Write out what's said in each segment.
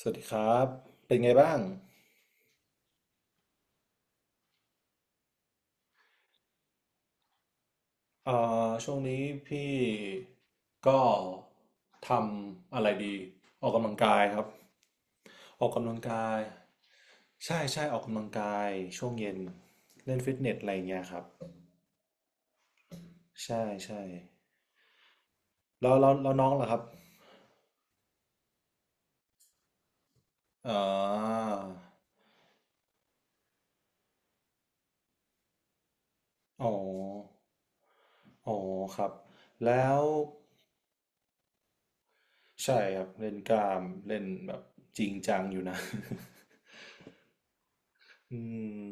สวัสดีครับเป็นไงบ้างอ่ช่วงนี้พี่ก็ทำอะไรดีออกกำลังกายครับออกกำลังกายใช่ใช่ออกกำลังกายช่วงเย็นเล่นฟิตเนสอะไรอย่างเงี้ยครับใช่ใช่แล้วน้องล่ะครับอ่าอ๋ออ๋อครับแล้วใช่ครับเล่นกล้ามเล่นแบบจริงจังอยู่นะ อืม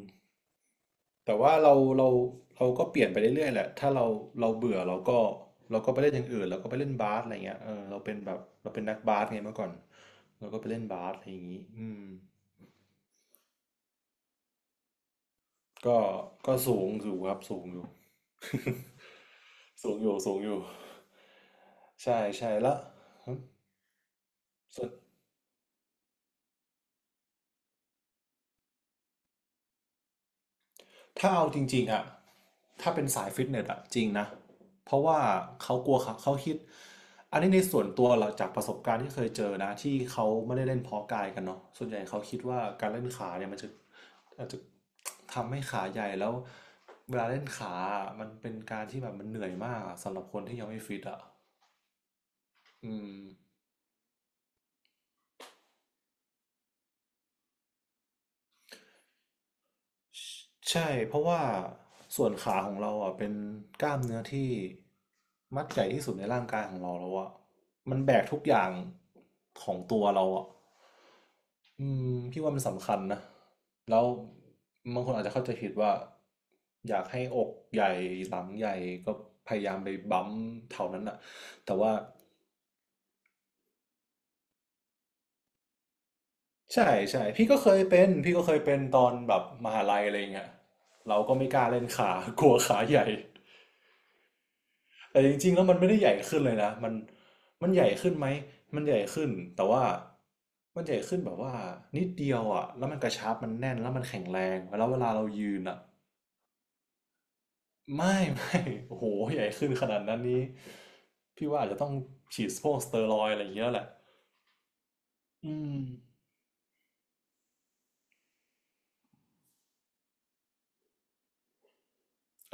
แต่ว่าเราเราก็เปลี่ยนไปเรื่อยๆแหละถ้าเราเราเบื่อเราก็เราก็ไปเล่นอย่างอื่นเราก็ไปเล่นบาสอะไรเงี้ยเออเราเป็นแบบเราเป็นนักบาสไงเมื่อก่อนเราก็ไปเล่นบาสอะไรอย่างงี้อืมก็ก็สูงอยู่ครับสูงอยู่ สูงอยู่สูงอยู่ใช่ใช่แล้วส่วน ถ้าเอาจริงๆอะถ้าเป็นสายฟิตเนสอะจริงนะเพราะว่าเขากลัวเขาคิดอันนี้ในส่วนตัวเราจากประสบการณ์ที่เคยเจอนะที่เขาไม่ได้เล่นเพาะกายกันเนาะส่วนใหญ่เขาคิดว่าการเล่นขาเนี่ยมันจะอาจจะทำให้ขาใหญ่แล้วเวลาเล่นขาอะมันเป็นการที่แบบมันเหนื่อยมากอะสำหรับคนที่ยังไม่ฟิตอะอืม ใช่เพราะว่าส่วนขาของเราอ่ะเป็นกล้ามเนื้อที่มัดใหญ่ที่สุดในร่างกายของเราแล้วอ่ะมันแบกทุกอย่างของตัวเราอ่ะอืมพี่ว่ามันสำคัญนะแล้วบางคนอาจจะเข้าใจผิดว่าอยากให้อกใหญ่หลังใหญ่ก็พยายามไปบั๊มเท่านั้นอะแต่ว่าใช่ใช่พี่ก็เคยเป็นพี่ก็เคยเป็นตอนแบบมหาลัยอะไรเงี้ยเราก็ไม่กล้าเล่นขา กลัวขาใหญ่ แต่จริงๆแล้วมันไม่ได้ใหญ่ขึ้นเลยนะมันมันใหญ่ขึ้นไหมมันใหญ่ขึ้นแต่ว่ามันใหญ่ขึ้นแบบว่านิดเดียวอ่ะแล้วมันกระชับมันแน่นแล้วมันแข็งแรงแล้วเวลาเรายืนอ่ะไม่ไม่โอ้โหใหญ่ขึ้นขนาดนั้นนี้พี่ว่าอาจจะต้องฉีดพวกสเตียรอยด์อะไรอย่างเงี้ยแหละอืม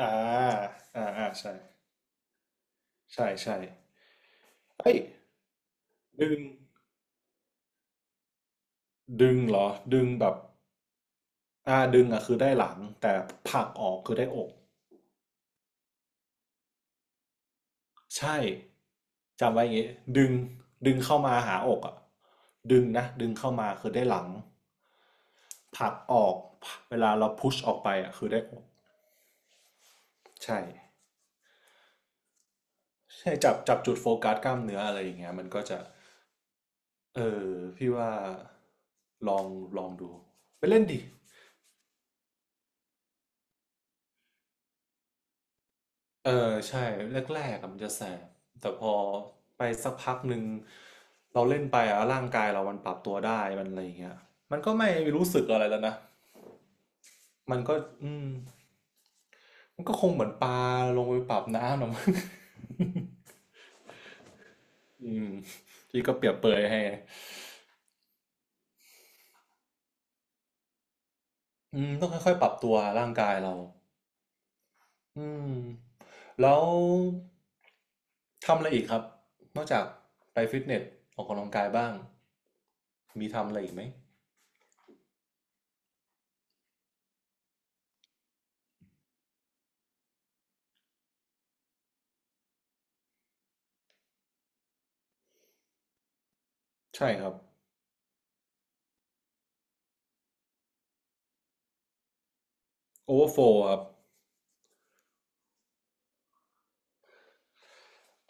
อ่าอ่าอ่าใช่ใช่ใช่เอ้ยดึงดึงเหรอดึงแบบอ่าดึงอ่ะคือได้หลังแต่ผลักออกคือได้อก ใช่จำไว้อย่างงี้ดึงดึงเข้ามาหาอกอ่ะดึงนะดึงเข้ามาคือได้หลังผลักออกเวลาเราพุชออกไปอ่ะคือได้อกใช่ใช่จับจับจุดโฟกัสกล้ามเนื้ออะไรอย่างเงี้ยมันก็จะเออพี่ว่าลองลองดูไปเล่นดิเออใช่แรกๆอะมันจะแสบแต่พอไปสักพักหนึ่งเราเล่นไปอะร่างกายเรามันปรับตัวได้มันอะไรอย่างเงี้ยมันก็ไม่รู้สึกอะไรแล้วนะมันก็อืม มันก็คงเหมือนปลาลงไปปรับน้ำนะมั้ง อืมที่ก็เปรียบเปรยให้อืมต้องค่อยๆปรับตัวร่างกายเราอืมแล้วทำอะไรอีกครับ นอกจากไปฟิตเนสออกกำลังกายบ้าง มีทำอะไรอีกไหม ใช่ครับโอเวอร์โฟลครับ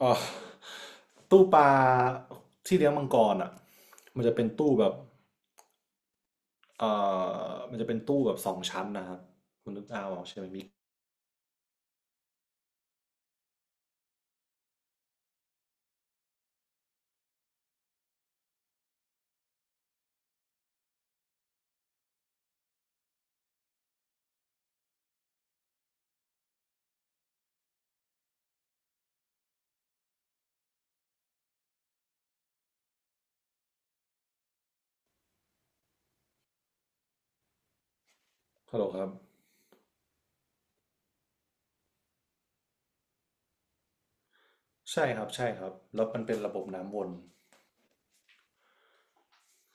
ออตู้ปลาที่เลี้ยงมังกรอ่ะมันจะเป็นตู้แบบเอ่มันจะเป็นตู้แบบสองชั้นนะครับคุณนึกเอาออกใช่ไหมมิกฮัลโหลครับ ใช่ครับใช่ครับแล้วมันเป็นระบบน้ำวน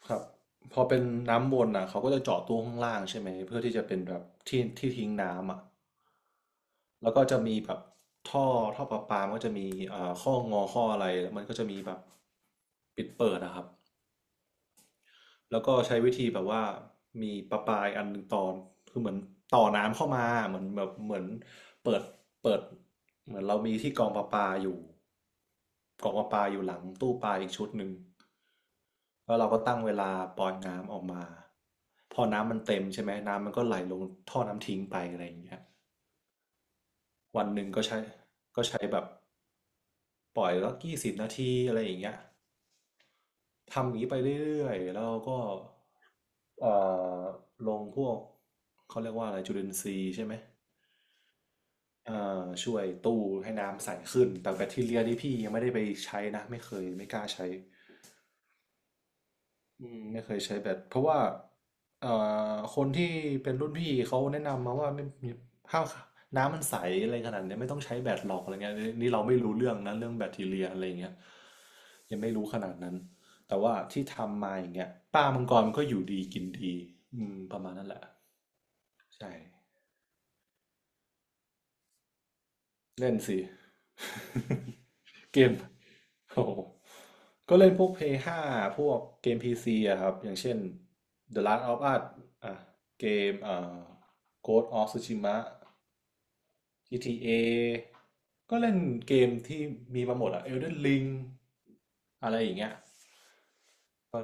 ครับพอเป็นน้ำวนอ่ะเขาก็จะเจาะตู้ข้างล่างใช่ไหมเพื่อที่จะเป็นแบบที่ที่ทิ้งน้ำอ่ะแล้วก็จะมีแบบท่อท่อประปามันก็จะมีอ่าข้องอข้ออะไรแล้วมันก็จะมีแบบปิดเปิดนะครับ แล้วก็ใช้วิธีแบบว่ามีประปายอันหนึ่งตอนคือเหมือนต่อน้ำเข้ามาเหมือนแบบเหมือนเปิดเปิดเหมือนเรามีที่กองประปาอยู่กองประปาอยู่หลังตู้ปลาอีกชุดหนึ่งแล้วเราก็ตั้งเวลาปล่อยน้ำออกมาพอน้ำมันเต็มใช่ไหมน้ำมันก็ไหลลงท่อน้ำทิ้งไปอะไรอย่างเงี้ยวันหนึ่งก็ใช้แบบปล่อยแล้วกี่สิบนาทีอะไรอย่างเงี้ยทำอย่างนี้ไปเรื่อยๆแล้วเราก็ เอ่อลงพวกเขาเรียกว่าอะไรจุลินทรีย์ใช่ไหมช่วยตู้ให้น้ำใสขึ้นแต่แบคทีเรียนี่พี่ยังไม่ได้ไปใช้นะไม่เคยไม่กล้าใช้อืมไม่เคยใช้แบคเพราะว่าเอ่คนที่เป็นรุ่นพี่เขาแนะนำมาว่าไม่มีถ้าน้ำมันใสอะไรขนาดเนี้ยไม่ต้องใช้แบคหรอกอะไรเงี้ยนี่เราไม่รู้เรื่องนะเรื่องแบคทีเรียอะไรเงี้ยยังไม่รู้ขนาดนั้นแต่ว่าที่ทำมาอย่างเงี้ยป้ามังกรก็อยู่ดีกินดีอืมประมาณนั้นแหละใช่ เล่นสิ เกมโอ้โหก็เล่นพวก p l ห้5พวกเกม PC อะครับอย่างเช่น The Last of Us อ่ะเกมGhost of Tsushima GTA ก็เล่นเกมที่มีมาหมดอะ Elden Ring อะไรอย่างเงี้ยก็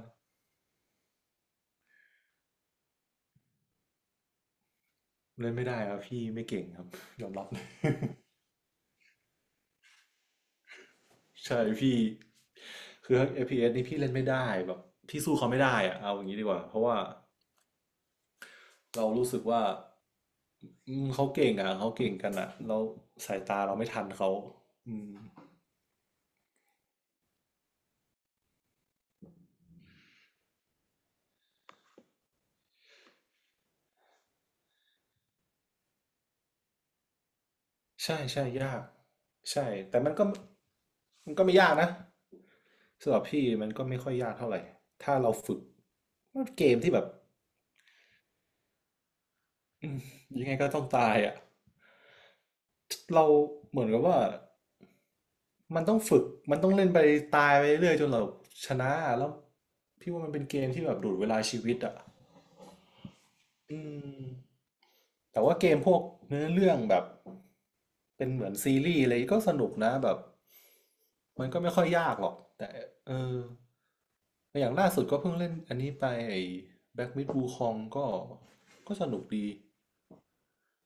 เล่นไม่ได้ครับพี่ไม่เก่งครับ ยอมรับเลยใช่พี่คือเ p s นี่พี่เล่นไม่ได้แบบพี่สู้เขาไม่ได้อะเอาอย่างนี้ดีกว่าเพราะว่า เรารู้สึกว่าอืมเขาเก่งอ่ะเขาเก่งกันอ่ะเราสายตาเราไม่ทันเขาอืมใช่ใช่ยากใช่แต่มันก็ไม่ยากนะสำหรับพี่มันก็ไม่ค่อยยากเท่าไหร่ถ้าเราฝึกมันเกมที่แบบอืมยังไงก็ต้องตายอ่ะเราเหมือนกับว่ามันต้องฝึกมันต้องเล่นไปตายไปเรื่อยจนเราชนะแล้วพี่ว่ามันเป็นเกมที่แบบดูดเวลาชีวิตอ่ะอืม แต่ว่าเกมพวกเนื้อเรื่องแบบเป็นเหมือนซีรีส์อะไรก็สนุกนะแบบมันก็ไม่ค่อยยากหรอกแต่เอออย่างล่าสุดก็เพิ่งเล่นอันนี้ไปไอ้แบ็กมิดบูคองก็ก็สนุกดี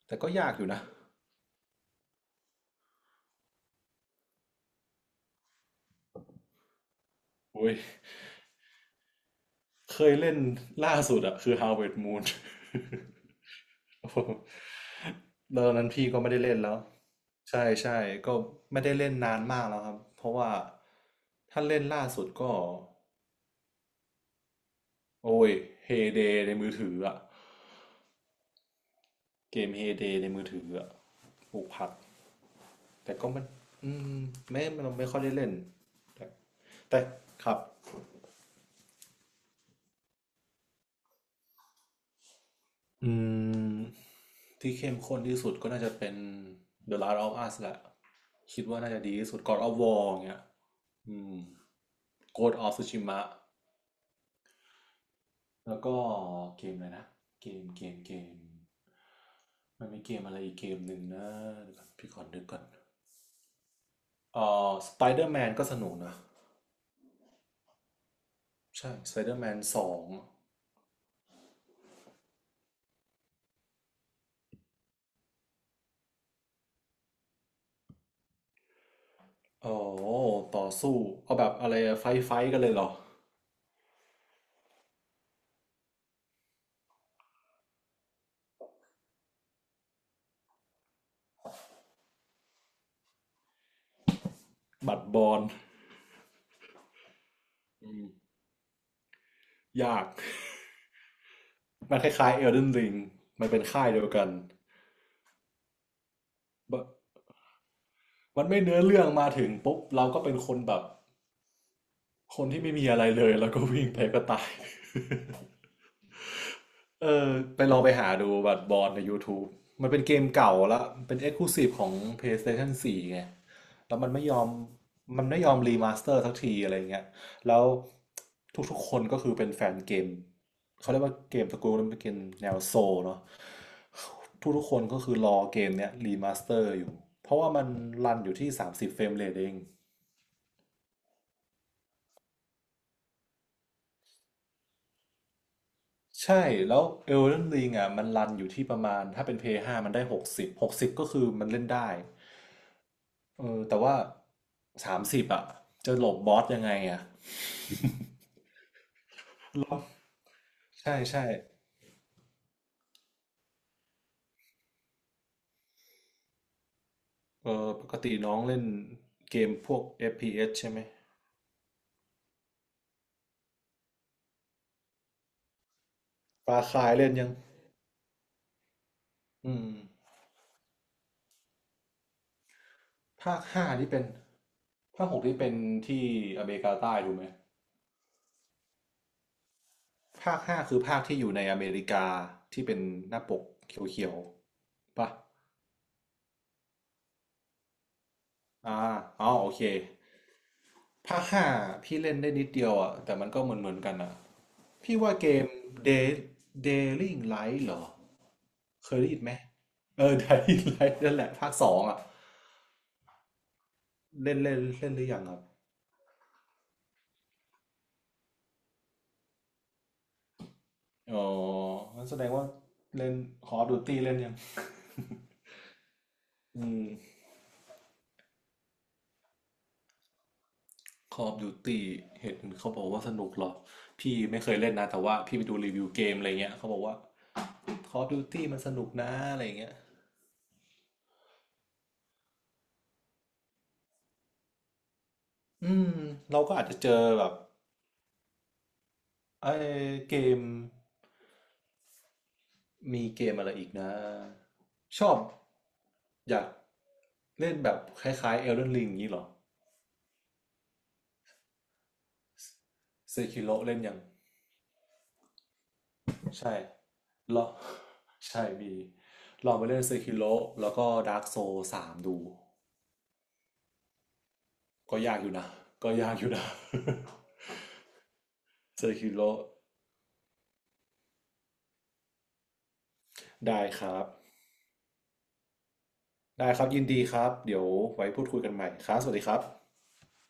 แต่ก็ยากอยู่นะโอ้ยเคยเล่นล่าสุดอะคือ Harvest Moon โอ้โหวตอนนั้นพี่ก็ไม่ได้เล่นแล้วใช่ใช่ก็ไม่ได้เล่นนานมากแล้วครับเพราะว่าถ้าเล่นล่าสุดก็ โอ้ยเฮเดในมือถืออะเกมเฮเดในมือถืออะปลูกผักแต่ก็มันอืมไม่เราไม่ค่อยได้เล่นแต่แต่ครับอืมที่เข้มข้นที่สุดก็น่าจะเป็น The Last of Us แหละคิดว่าน่าจะดีที่สุด God of War เงี้ยอืม Ghost of Tsushima แล้วก็เกมอะไรนะเกมมันมีเกมอะไรอีกเกมหนึ่งนะเดี๋ยวก่อนพี่ขอนึกก่อนเอ่Spider-Man ก็สนุกนะ ใช่ Spider-Man 2อ๋อต่อสู้เอาแบบอะไรไฟกันเลยเหรอบัดบอลอืมยากมันคล้ายๆ Elden Ring มันเป็นค่ายเดียวกันบมันไม่เนื้อเรื่องมาถึงปุ๊บเราก็เป็นคนแบบคนที่ไม่มีอะไรเลยแล้วก็วิ่งไปก็ตาย เออไปลองไปหาดูบัตรบอลใน YouTube มันเป็นเกมเก่าแล้วเป็น Exclusive ของ PlayStation 4ไงแล้วมันไม่ยอมมันไม่ยอมรีมาสเตอร์สักทีอะไรเงี้ยแล้วทุกๆคนก็คือเป็นแฟนเกมเขาเรียกว่าเกมสกูลนั้นเป็นเกมแนวโซลเนาะทุกๆคนก็คือรอเกมเนี้ยรีมาสเตอร์อยู่เพราะว่ามันรันอยู่ที่30เฟรมเรทเองใช่แล้ว Elden Ring อ่ะมันรันอยู่ที่ประมาณถ้าเป็นพีเอสห้ามันได้หกสิบก็คือมันเล่นได้ เออแต่ว่า30อ่ะจะหลบบอสยังไงอ่ะ หลบใช่ใช่เออปกติน้องเล่นเกมพวก FPS ใช่ไหมปลาคายเล่นยังอืมภาคห้าที่เป็นภาคหกที่เป็นที่อเมริกาใต้ถูกไหมภาคห้าคือภาคที่อยู่ในอเมริกาที่เป็นหน้าปกเขียวๆปะอ่าอ๋อโอเค ภาคห้าพี่เล่นได้นิดเดียวอ่ะแต่มันก็เหมือนเหมือนกันอ่ะพี่ว่าเกม Day Dying Light เหรอเคยได้ยินไหมเออ Dying Light นั่นแหละภาค2อ่ะเล่นเล่นเล่นหรือยังครับอ๋องั้นแสดงว่าเล่น Call of Duty เล่นยัง อืม Call of Duty เห็นเขาบอกว่าสนุกเหรอพี่ไม่เคยเล่นนะแต่ว่าพี่ไปดูรีวิวเกมอะไรเงี้ยเขาบอกว่า Call of Duty มันสนุกนะอะไรเงี้ยอืมเราก็อาจจะเจอแบบ ไอ้เกมมีเกมอะไรอีกนะชอบอยากเล่นแบบคล้ายๆ Elden Ring อย่างนี้เหรอ Sekiro เล่นยังใช่ ลอง ใช่มีลองไปเล่น Sekiro แล้วก็ Dark Souls 3ดูก็ยากอยู่นะ ก็ยากอยู่นะ Sekiro ได้ครับได้ครับยินดีครับเดี๋ยวไว้พูดคุยกันใหม่ครับสวัสดีครับ